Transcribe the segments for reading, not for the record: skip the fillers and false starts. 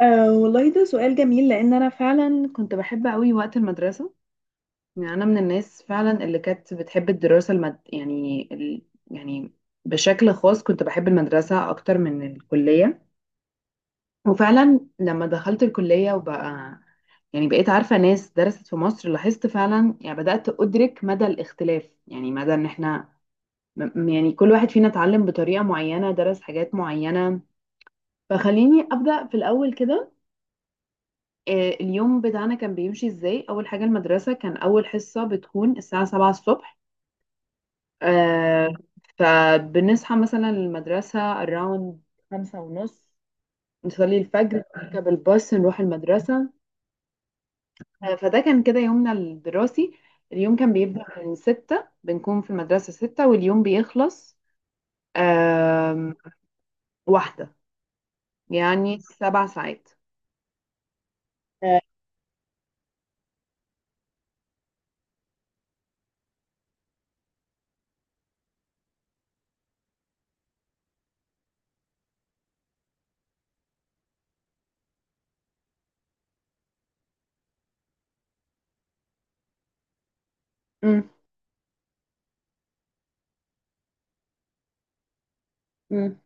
والله ده سؤال جميل، لأن أنا فعلا كنت بحب أوي وقت المدرسة. يعني أنا من الناس فعلا اللي كانت بتحب الدراسة يعني بشكل خاص كنت بحب المدرسة أكتر من الكلية. وفعلا لما دخلت الكلية وبقى يعني بقيت عارفة ناس درست في مصر، لاحظت فعلا يعني بدأت أدرك مدى الاختلاف، يعني مدى إن إحنا يعني كل واحد فينا اتعلم بطريقة معينة درس حاجات معينة. فخليني أبدأ في الأول كده. آه، اليوم بتاعنا كان بيمشي ازاي؟ اول حاجه المدرسه كان اول حصه بتكون الساعه 7 الصبح. آه، فبنصحى مثلا المدرسه اراوند 5:30، نصلي الفجر، نركب الباص، نروح المدرسه. فده كان كده يومنا الدراسي. اليوم كان بيبدأ من 6، بنكون في المدرسة 6، واليوم بيخلص آم، 1، يعني 7 ساعات. آه. مم. مم.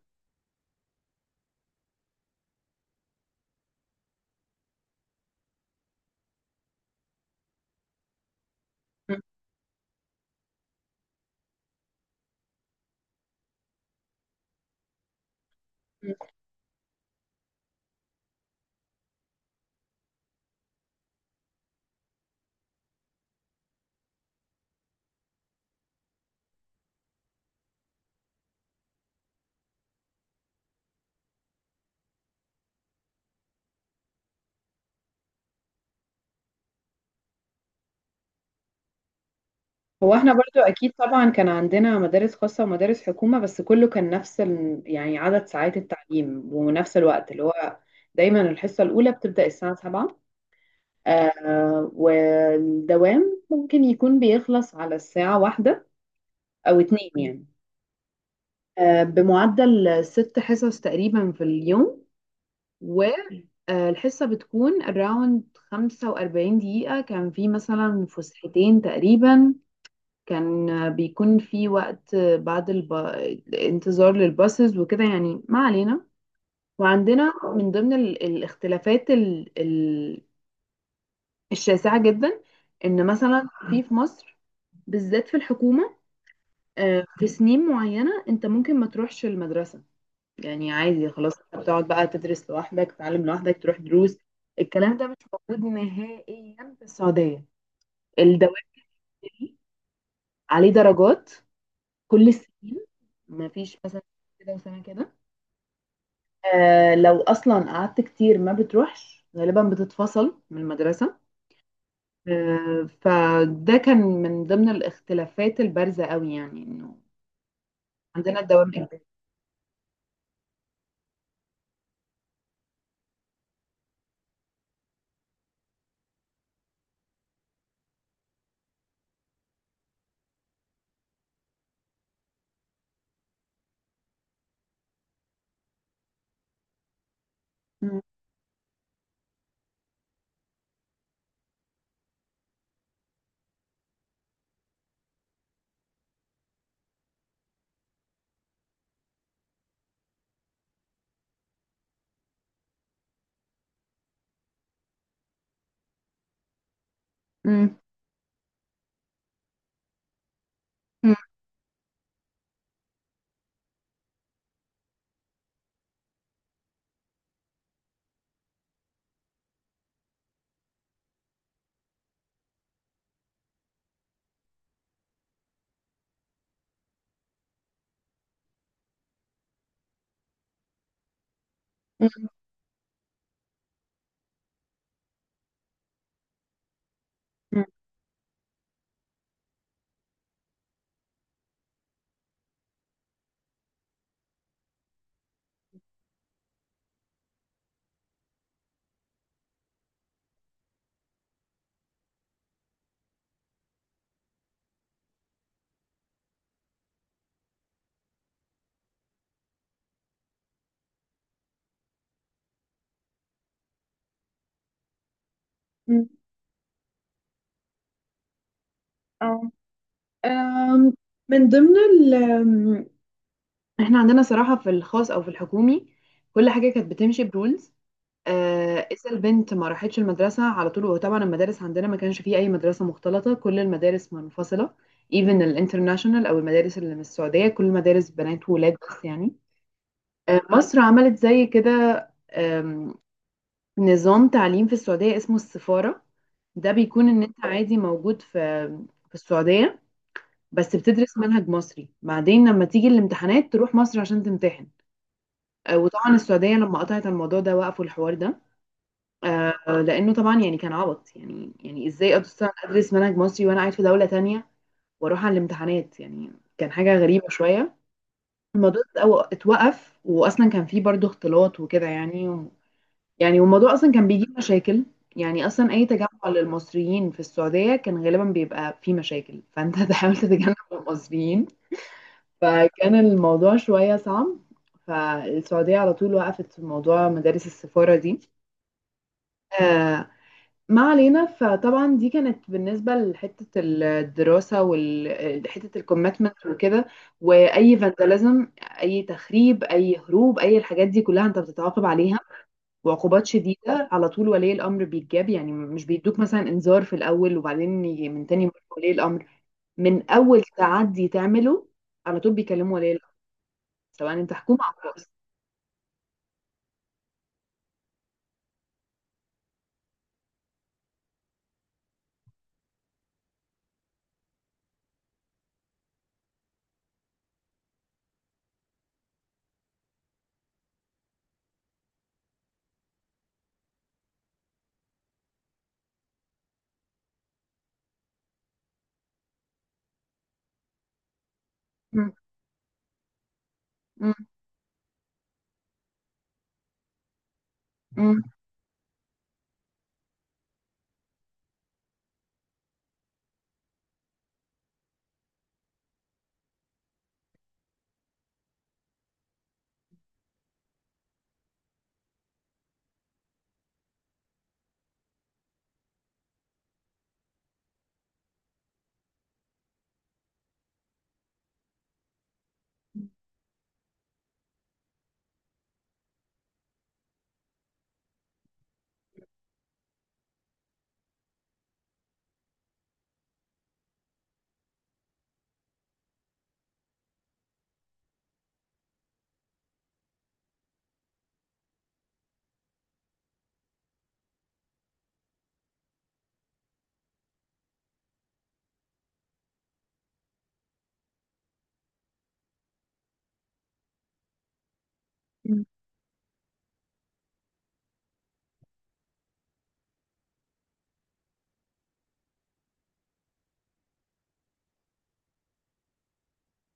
مم. هو احنا برضو اكيد طبعا كان عندنا مدارس خاصة ومدارس حكومة بس كله كان نفس ال... يعني عدد ساعات التعليم ونفس الوقت اللي هو دايما الحصة الاولى بتبدأ الساعة 7 آه والدوام ممكن يكون بيخلص على الساعة 1 او 2 يعني آه بمعدل 6 حصص تقريبا في اليوم والحصة بتكون around 45 دقيقة كان في مثلا فسحتين تقريبا كان بيكون في وقت بعد الب... الانتظار للباصز وكده يعني ما علينا وعندنا من ضمن ال... الاختلافات ال... ال... الشاسعة جدا ان مثلا في في مصر بالذات في الحكومة آه، في سنين معينة انت ممكن ما تروحش المدرسة يعني عادي خلاص انت بتقعد بقى تدرس لوحدك تتعلم لوحدك تروح دروس الكلام ده مش موجود نهائيا في السعودية الدوام عليه درجات كل السنين ما فيش مثلا كده وسنة كده آه لو اصلا قعدت كتير ما بتروحش غالبا بتتفصل من المدرسة آه فده كان من ضمن الاختلافات البارزة قوي يعني انه عندنا الدوام اجباري مم. مم. مم. مم. مم. آه. آم، من ضمن ال آم، احنا عندنا صراحة في الخاص او في الحكومي كل حاجة كانت بتمشي برولز. إذا البنت ما راحتش المدرسة على طول. وهو طبعا المدارس عندنا ما كانش فيه أي مدرسة مختلطة، كل المدارس منفصلة، even الانترناشونال أو المدارس اللي من السعودية، كل مدارس بنات وولاد بس يعني. مصر عملت زي كده. آم، نظام تعليم في السعودية اسمه السفارة. ده بيكون إن أنت عادي موجود في السعودية، بس بتدرس منهج مصري، بعدين لما تيجي الامتحانات تروح مصر عشان تمتحن. وطبعا السعودية لما قطعت الموضوع ده وقفوا الحوار ده. آه لانه طبعا يعني كان عبط، يعني ازاي ادرس منهج مصري وانا قاعد في دوله تانية واروح على الامتحانات؟ يعني كان حاجه غريبه شويه. الموضوع اتوقف، واصلا كان فيه برضو اختلاط وكده، يعني يعني والموضوع اصلا كان بيجيب مشاكل. يعني اصلا اي تجمع للمصريين في السعوديه كان غالبا بيبقى فيه مشاكل، فانت تحاول تتجنب المصريين. فكان الموضوع شويه صعب. فالسعوديه على طول وقفت في موضوع مدارس السفاره دي. آه، ما علينا. فطبعا دي كانت بالنسبة لحتة الدراسة وحتة الكوميتمنت وكده، وأي فانداليزم، أي تخريب، أي هروب، أي الحاجات دي كلها أنت بتتعاقب عليها. وعقوبات شديدة على طول، ولي الأمر بيتجاب، يعني مش بيدوك مثلا إنذار في الأول وبعدين يجي من تاني مرة ولي الأمر. من أول تعدي تعمله، على طول بيكلموا ولي الأمر، سواء أنت حكومة أو خاص. م- م- م-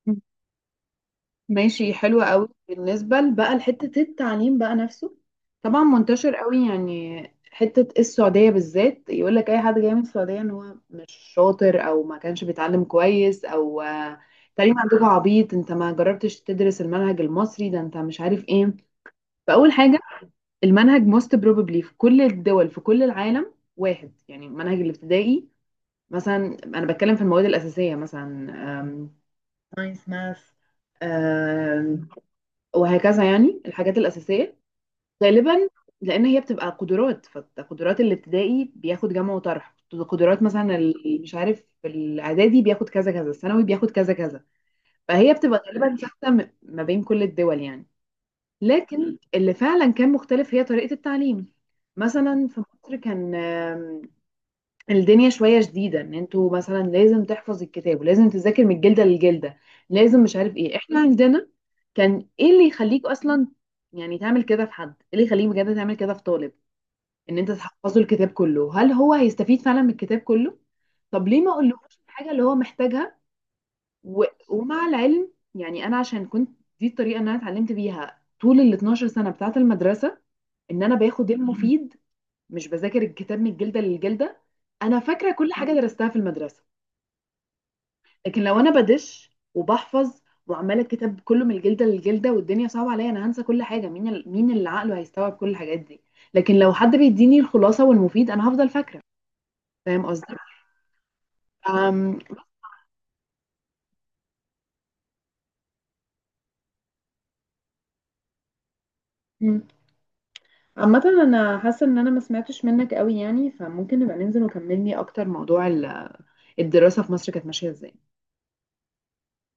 م- ماشي. حلوة قوي. بالنسبة بقى لحتة التعليم بقى نفسه، طبعا منتشر قوي يعني، حتة السعودية بالذات، يقول لك أي حد جاي من السعودية إن هو مش شاطر أو ما كانش بيتعلم كويس، أو التعليم عندكم عبيط، أنت ما جربتش تدرس المنهج المصري، ده أنت مش عارف إيه. فأول حاجة، المنهج most probably في كل الدول في كل العالم واحد، يعني المنهج الابتدائي مثلا، أنا بتكلم في المواد الأساسية مثلا، ساينس، ماث، وهكذا يعني الحاجات الأساسية، غالبا، لأن هي بتبقى قدرات. فقدرات الابتدائي بياخد جمع وطرح، قدرات مثلا مش عارف، الإعدادي بياخد كذا كذا، الثانوي بياخد كذا كذا. فهي بتبقى غالبا ثابتة ما بين كل الدول يعني. لكن اللي فعلا كان مختلف هي طريقة التعليم. مثلا في مصر كان الدنيا شوية شديدة، ان انتوا مثلا لازم تحفظ الكتاب ولازم تذاكر من الجلدة للجلدة، لازم مش عارف ايه. احنا عندنا كان ايه اللي يخليك اصلا يعني تعمل كده في حد؟ ايه اللي يخليك بجد تعمل كده في طالب، ان انت تحفظه الكتاب كله؟ هل هو هيستفيد فعلا من الكتاب كله؟ طب ليه ما اقولهوش الحاجة اللي هو محتاجها؟ و... ومع العلم، يعني انا عشان كنت، دي الطريقة اللي انا اتعلمت بيها طول ال 12 سنة بتاعة المدرسة، ان انا باخد المفيد، مش بذاكر الكتاب من الجلدة للجلدة. أنا فاكرة كل حاجة درستها في المدرسة. لكن لو أنا بدش وبحفظ وعمالة الكتاب كله من الجلدة للجلدة والدنيا صعبة عليا، أنا هنسى كل حاجة. مين مين اللي عقله هيستوعب كل الحاجات دي؟ لكن لو حد بيديني الخلاصة والمفيد أنا هفضل فاكرة. فاهم قصدي؟ أم... م. عامة أنا حاسة إن أنا ما سمعتش منك قوي يعني، فممكن نبقى ننزل وكملني أكتر. موضوع الدراسة في مصر كانت ماشية إزاي؟